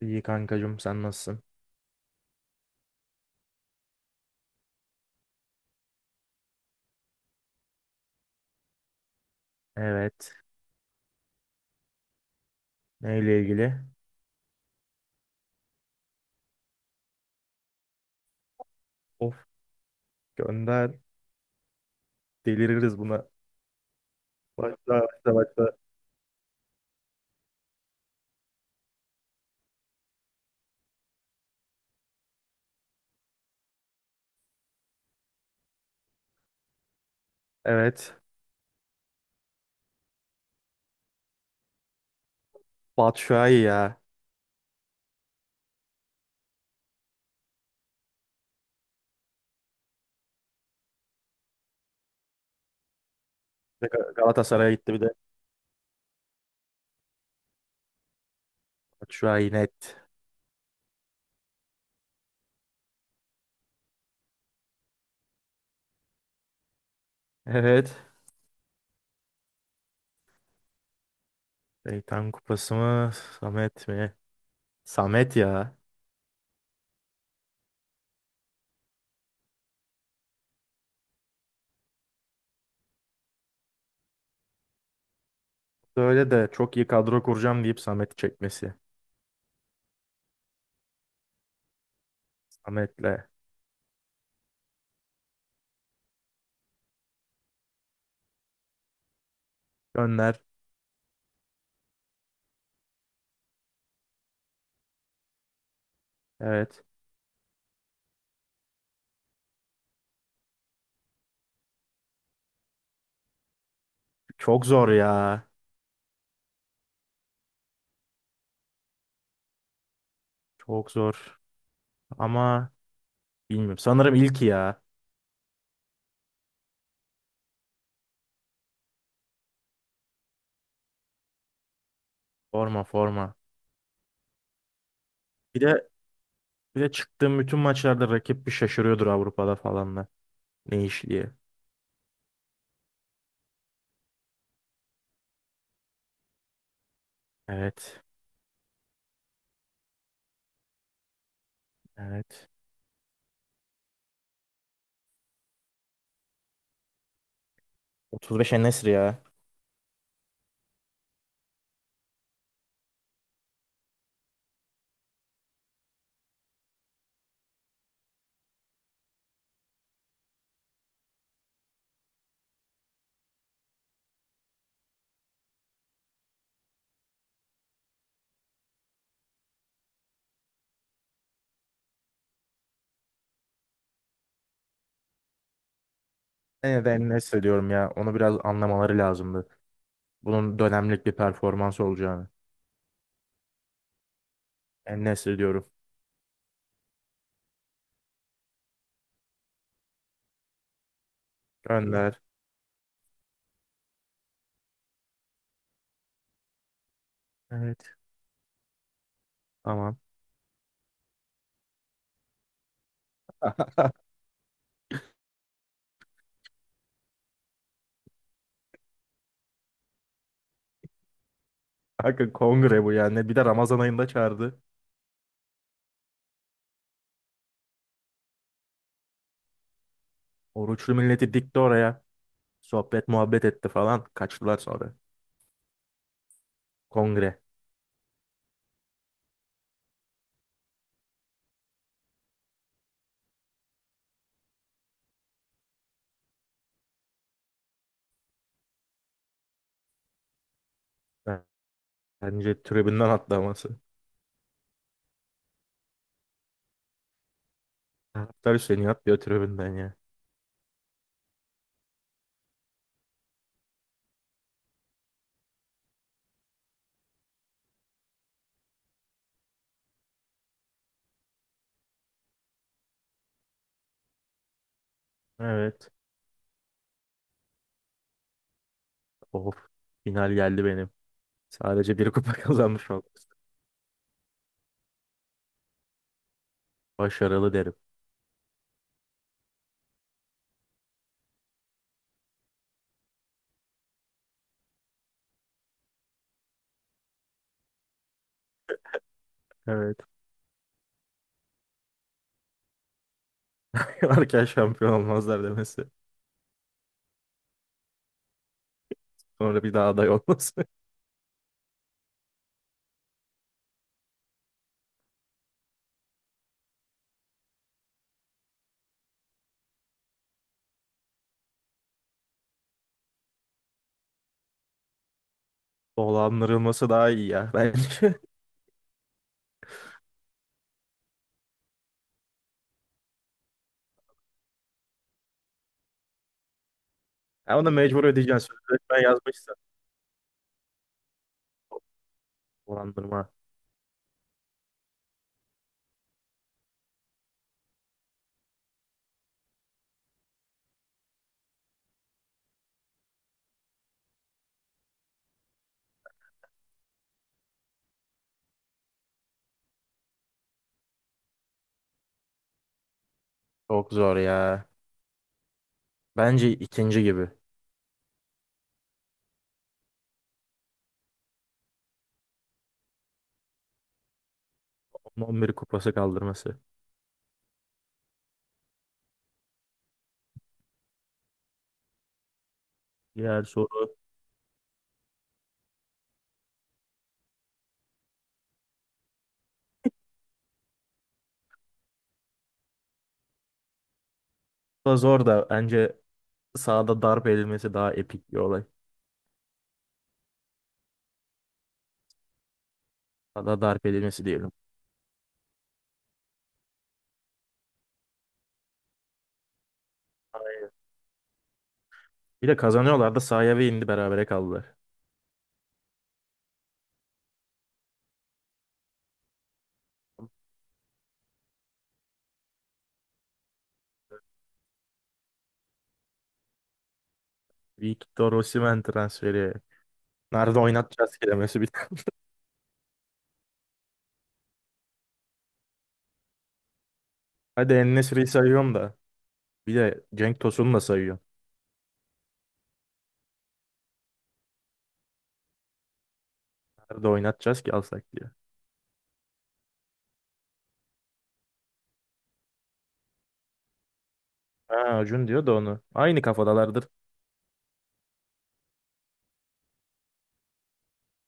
İyi kankacığım sen nasılsın? Evet. Neyle ilgili? Of, gönder. Deliririz buna. Başla, başla, başla. Evet. Batshuayi ya. Bir de Galatasaray'a gitti bir de. Batshuayi net. Evet. Şeytan Kupası mı? Samet mi? Samet ya. Böyle de çok iyi kadro kuracağım deyip Samet'i çekmesi. Samet'le. Gönder. Evet. Çok zor ya. Çok zor. Ama bilmiyorum. Sanırım ilki ya. Forma, forma. Bir de Bir de çıktığım bütün maçlarda rakip bir şaşırıyordur Avrupa'da falan da. Ne iş diye. Evet. Evet. 35 En-Nesyri ya. Yine de En-Nesyri diyorum ya. Onu biraz anlamaları lazımdı. Bunun dönemlik bir performans olacağını. En-Nesyri diyorum. Gönder. Evet. Tamam. Kanka kongre bu yani. Bir de Ramazan ayında çağırdı. Oruçlu milleti dikti oraya. Sohbet muhabbet etti falan. Kaçtılar sonra. Kongre. Bence tribünden atlaması. Taraftar Hüseyin'i atlıyor tribünden ya. Evet. Of, final geldi benim. Sadece bir kupa kazanmış olması. Başarılı derim. Evet. Varken şampiyon olmazlar demesi. Sonra bir daha aday olması. Dolandırılması daha iyi ya bence. Ya ona mecbur ödeyeceksin. Sözleşmen yazmışsın. Dolandırma. Çok zor ya. Bence ikinci gibi. Onun 11 kupası kaldırması. Diğer soru da zor da bence sahada darp edilmesi daha epik bir olay. Sahada darp edilmesi diyelim. Aynen. Bir de kazanıyorlar da sahaya ve indi berabere kaldılar. Victor Osimhen transferi. Nerede oynatacağız kelimesi bir tane. Hadi En-Nesyri'yi sayıyorum da. Bir de Cenk Tosun'u da sayıyorum. Nerede oynatacağız ki alsak diye. Ha, Acun diyor da onu. Aynı kafadalardır.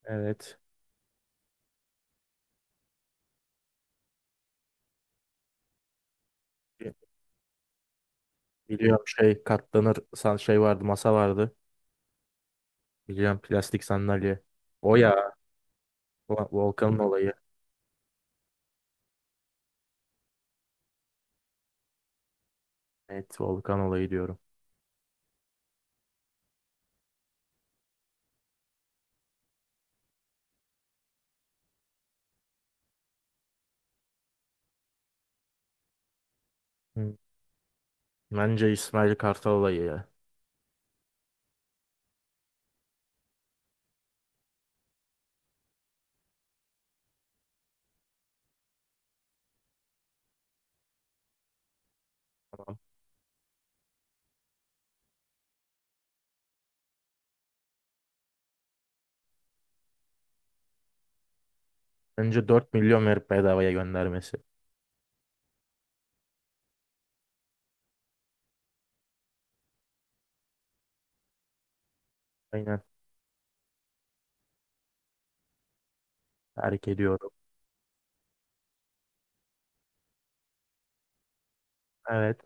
Evet. Biliyorum, şey katlanır san şey vardı, masa vardı. Biliyorum, plastik sandalye. O ya, Volkan'ın olayı. Evet, Volkan olayı diyorum. Hı. Bence İsmail Kartal olayı ya. Tamam. Bence 4 milyon verip bedavaya göndermesi. Aynen. Terk ediyorum. Evet.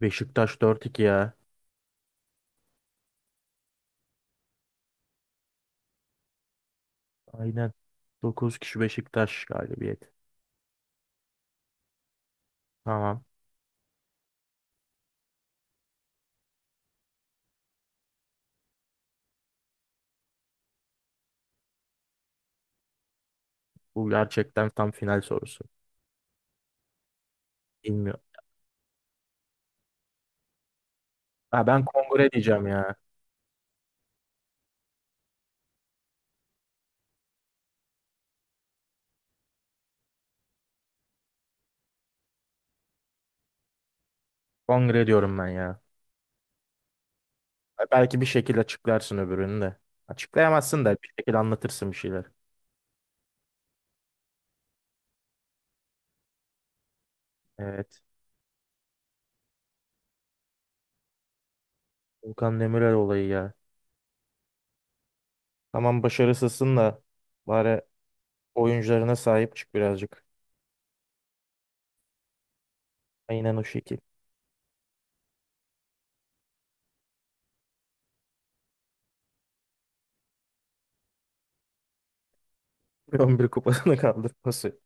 Beşiktaş dört 2 ya. Aynen. 9 kişi Beşiktaş galibiyeti. Tamam. Bu gerçekten tam final sorusu. Bilmiyorum. Ha, ben kongre diyeceğim ya. Kongre diyorum ben ya. Ha, belki bir şekilde açıklarsın öbürünü de. Açıklayamazsın da bir şekilde anlatırsın bir şeyler. Evet. Volkan Demirel olayı ya. Tamam, başarısızsın da bari oyuncularına sahip çık birazcık. Aynen o şekil. 11 kupasını kaldırması.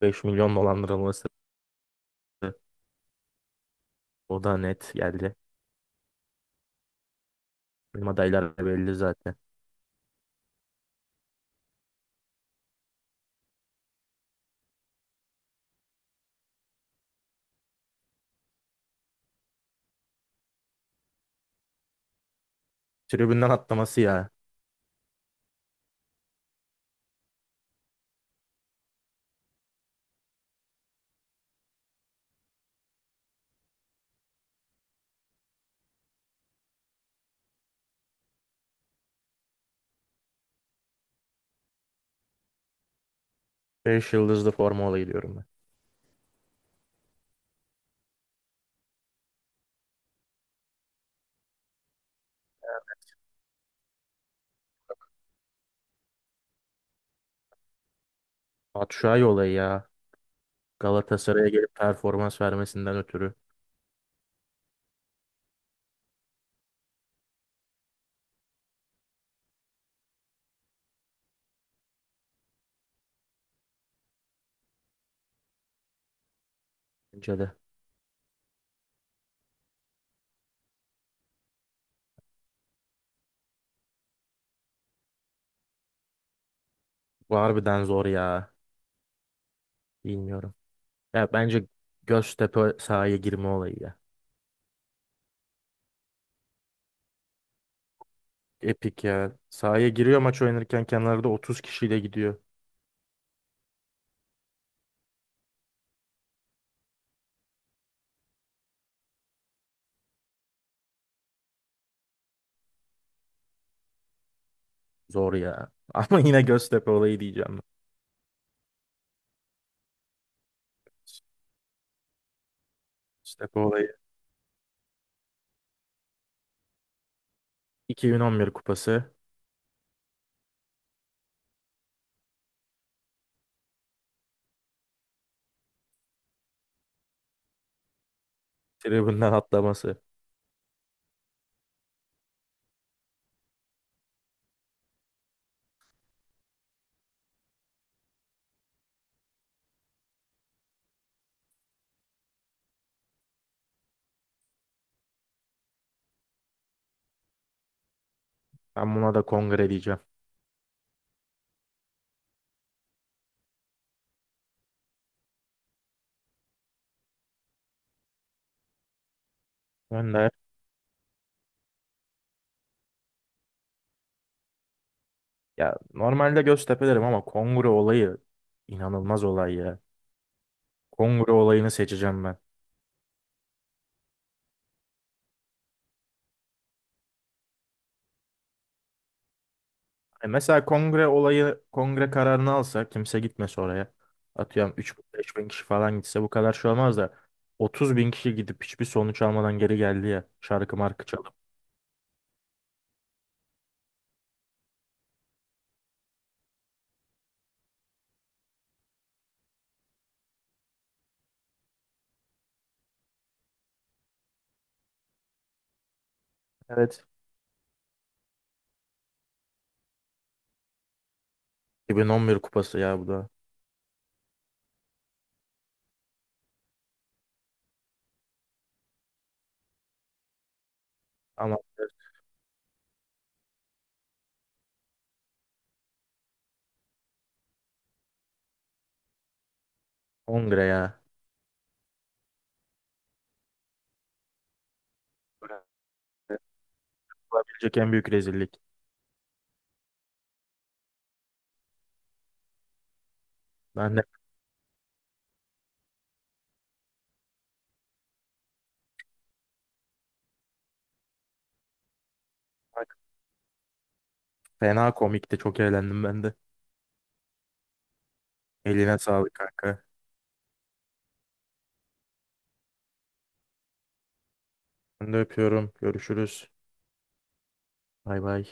5 milyon dolandırılması. O da net geldi. Benim adaylar da belli zaten. Tribünden atlaması ya. Beş yıldızlı forma olayı diyorum ben. Batshuayi olayı ya. Galatasaray'a gelip performans vermesinden ötürü. Bence de. Bu harbiden zor ya. Bilmiyorum. Ya bence Göztepe sahaya girme olayı ya. Epik ya. Sahaya giriyor maç oynarken kenarda 30 kişiyle gidiyor. Zor ya. Ama yine Göztepe olayı diyeceğim ben. Göztepe olayı. 2011 kupası. Tribünden atlaması. Ben buna da kongre diyeceğim. Önder. Ya normalde Göztepe derim ama kongre olayı inanılmaz olay ya. Kongre olayını seçeceğim ben. E mesela kongre olayı, kongre kararını alsa kimse gitmese oraya. Atıyorum 3 beş bin kişi falan gitse bu kadar şey olmaz da. 30 bin kişi gidip hiçbir sonuç almadan geri geldi ya. Şarkı markı çalıp. Evet. 2011 kupası ya bu da. Ama kongre ya. Olabilecek en büyük rezillik. Ben de fena komikti. Çok eğlendim ben de. Eline sağlık kanka. Ben de öpüyorum. Görüşürüz. Bay bay.